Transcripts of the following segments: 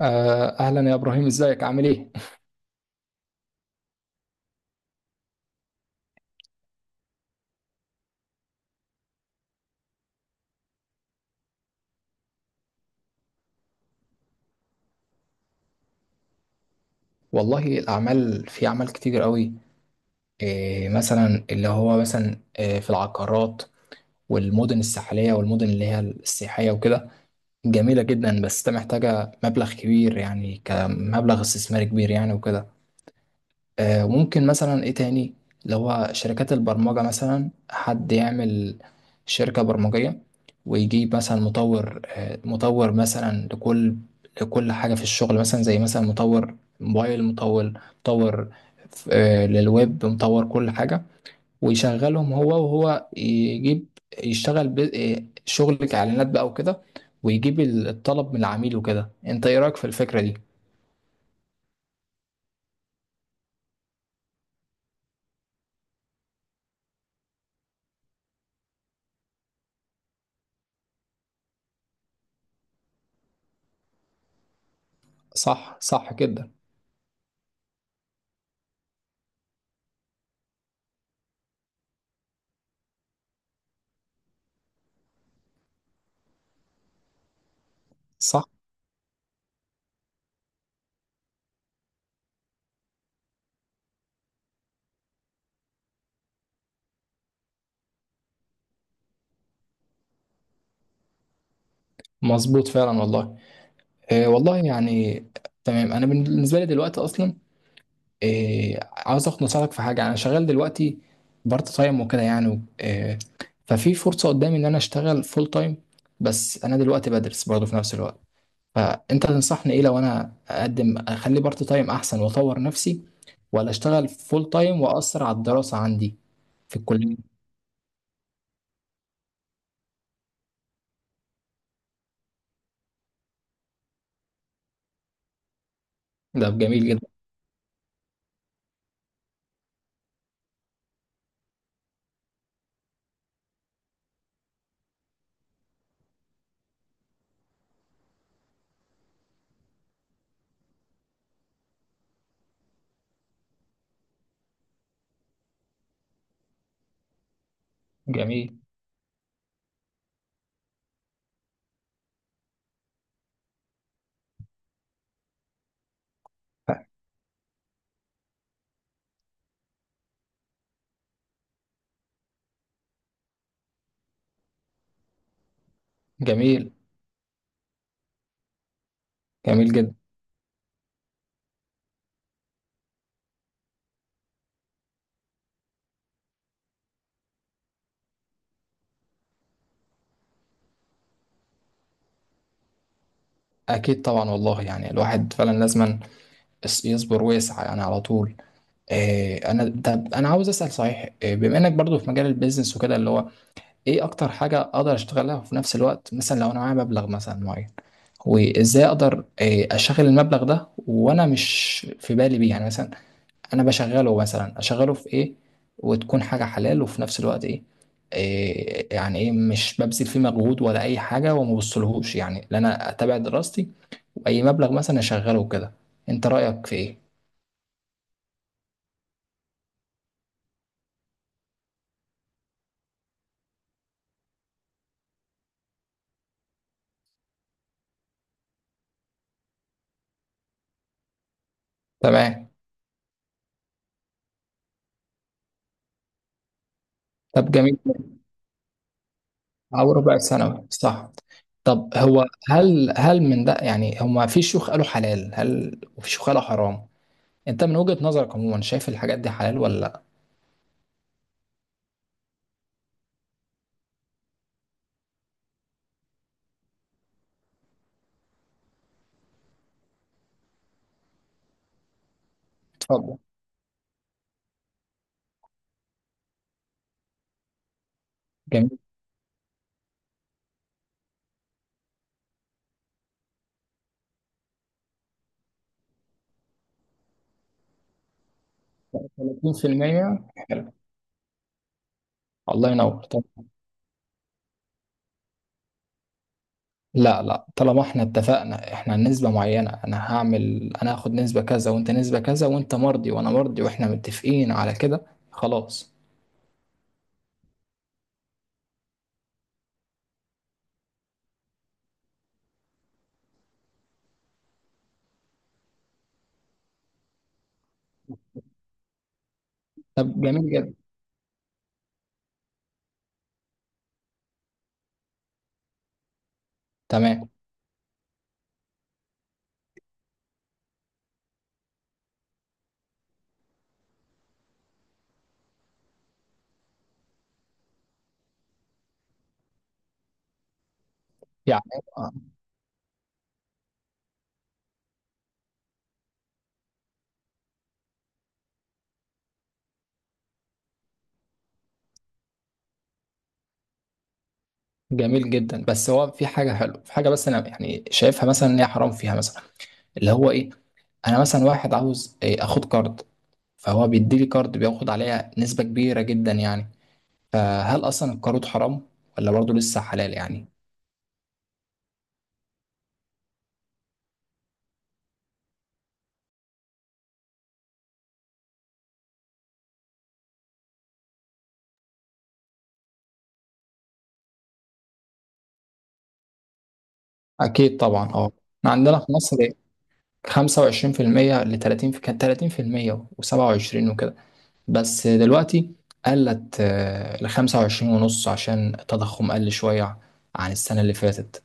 أهلا يا إبراهيم، إزيك عامل إيه؟ والله الأعمال، في أعمال كتير قوي، إيه مثلا اللي هو مثلا إيه في العقارات والمدن الساحلية والمدن اللي هي السياحية وكده، جميلة جدا بس ده محتاجة مبلغ كبير يعني، كمبلغ استثماري كبير يعني وكده. وممكن مثلا ايه تاني، اللي هو شركات البرمجة، مثلا حد يعمل شركة برمجية، ويجيب مثلا مطور، مطور مثلا لكل حاجة في الشغل، مثلا زي مثلا مطور موبايل، مطور للويب، مطور كل حاجة، ويشغلهم هو يجيب، يشتغل شغل كإعلانات بقى وكده، ويجيب الطلب من العميل وكده. انت ايه رأيك في الفكرة دي؟ صح، صح كده، صح. مظبوط فعلا والله. إيه والله يعني، تمام. انا بالنسبه لي دلوقتي اصلا إيه، عاوز اخد نصيحتك في حاجه. انا شغال دلوقتي بارت تايم وكده، يعني إيه، ففي فرصه قدامي ان انا اشتغل فول تايم، بس انا دلوقتي بدرس برضه في نفس الوقت، فانت تنصحني ايه؟ لو انا اقدم اخلي بارت تايم، احسن واطور نفسي، ولا اشتغل فول تايم واثر على الدراسه عندي في الكليه؟ ده جميل جدا. جميل. جميل. جميل جدا. اكيد طبعا والله، يعني الواحد فعلا لازم يصبر ويسعى يعني على طول. انا، طب انا عاوز اسال صحيح، بما انك برضو في مجال البيزنس وكده، اللي هو ايه اكتر حاجه اقدر اشتغلها، وفي نفس الوقت مثلا لو انا معايا مبلغ مثلا معين، وازاي اقدر اشغل المبلغ ده وانا مش في بالي بيه، يعني مثلا انا بشغله، مثلا اشغله في ايه وتكون حاجه حلال، وفي نفس الوقت ايه، يعني ايه مش ببذل فيه مجهود ولا اي حاجه وما بوصلهوش، يعني لا انا اتابع دراستي واي مبلغ مثلا اشغله كده. انت رايك في ايه؟ تمام. طب جميل، او ربع ثانوي صح. طب هو هل من ده، يعني هما في شيوخ قالوا حلال، هل وفي شيوخ قالوا حرام. انت من وجهة نظرك عموما شايف الحاجات دي حلال ولا لا؟ اتفضل. جميل. 30% حلو. الله ينور. طب لا، لا، طالما احنا اتفقنا، احنا نسبة معينة، انا هعمل، انا هاخد نسبة كذا وانت نسبة كذا، وانت مرضي وانا مرضي، واحنا متفقين على كده، خلاص. طب جميل جدا. تمام. يعني جميل جدا، بس هو في حاجه حلوه، في حاجه بس انا يعني شايفها مثلا ان هي حرام، فيها مثلا اللي هو ايه، انا مثلا واحد عاوز اخد كارد، فهو بيدي لي كارد بياخد عليها نسبه كبيره جدا يعني. فهل اصلا الكارد حرام، ولا برضه لسه حلال يعني؟ اكيد طبعا. اه. احنا عندنا في مصر 25% ل 30، كانت 30% و27 وكده، بس دلوقتي قلت، ل 25 ونص، عشان التضخم قل شويه عن السنه اللي فاتت.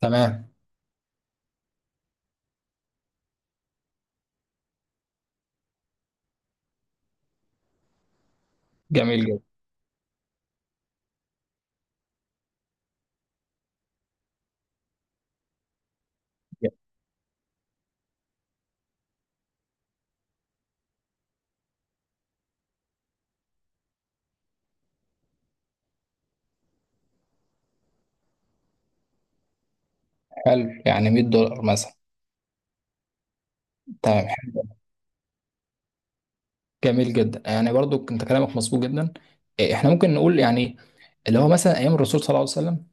تمام. جميل. حلو، يعني 100$ مثلا. تمام. حلو. جميل جدا، يعني برضو انت كلامك مظبوط جدا. احنا ممكن نقول يعني اللي هو مثلا ايام الرسول صلى الله عليه وسلم،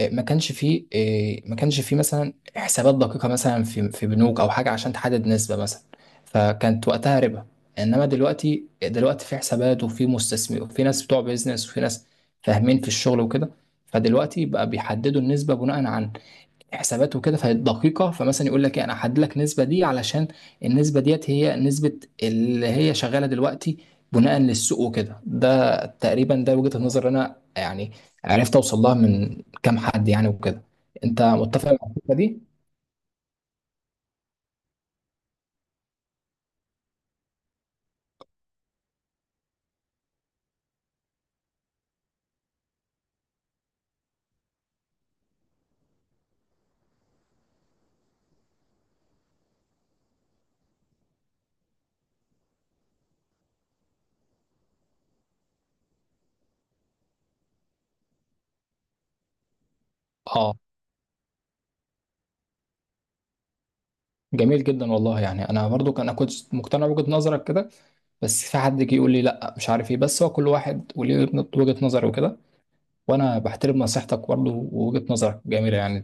ما كانش فيه، مثلا حسابات دقيقه مثلا في بنوك او حاجه عشان تحدد نسبه مثلا، فكانت وقتها ربا. انما دلوقتي في حسابات وفي مستثمر، وفي ناس بتوع بيزنس وفي ناس فاهمين في الشغل وكده، فدلوقتي بقى بيحددوا النسبه بناء على حسابات وكده، فدقيقة. فمثلا يقول لك ايه، انا هحدد لك النسبة دي علشان النسبة ديت هي نسبة اللي هي شغالة دلوقتي بناء للسوق وكده. ده تقريبا ده وجهة النظر اللي انا يعني عرفت اوصل لها من كام حد يعني وكده. انت متفق مع الفكرة دي؟ اه. جميل جدا والله، يعني انا برضو انا كنت مقتنع بوجهة نظرك كده، بس في حد جه يقول لي لا، مش عارف ايه، بس هو كل واحد وليه وجهة نظر وكده، وانا بحترم نصيحتك برضو، ووجهة نظرك جميلة يعني.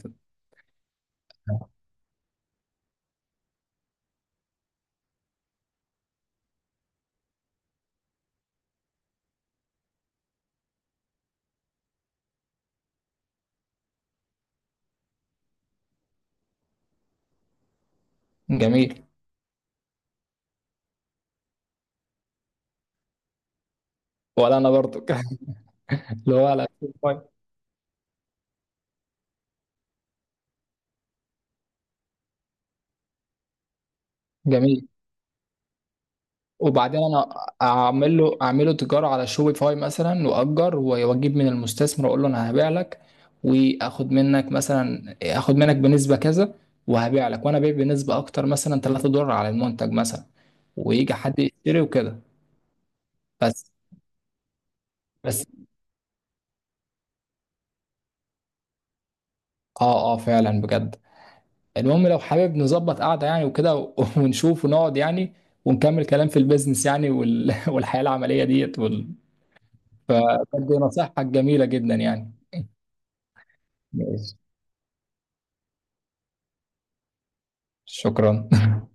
جميل. ولا انا برضو اللي هو على شوبيفاي. جميل. وبعدين انا اعمله تجاره على شوبيفاي مثلا، واجيب من المستثمر، اقول له انا هبيع لك، واخد منك مثلا اخد منك بنسبه كذا، وهبيع لك وانا بيع بنسبه اكتر، مثلا 3$ على المنتج مثلا، ويجي حد يشتري وكده. بس بس اه، اه فعلا بجد. المهم لو حابب نظبط قعده يعني وكده ونشوف ونقعد يعني، ونكمل كلام في البيزنس يعني والحياه العمليه ديت، فبدي نصيحتك جميلة جدا يعني. ماشي. شكرا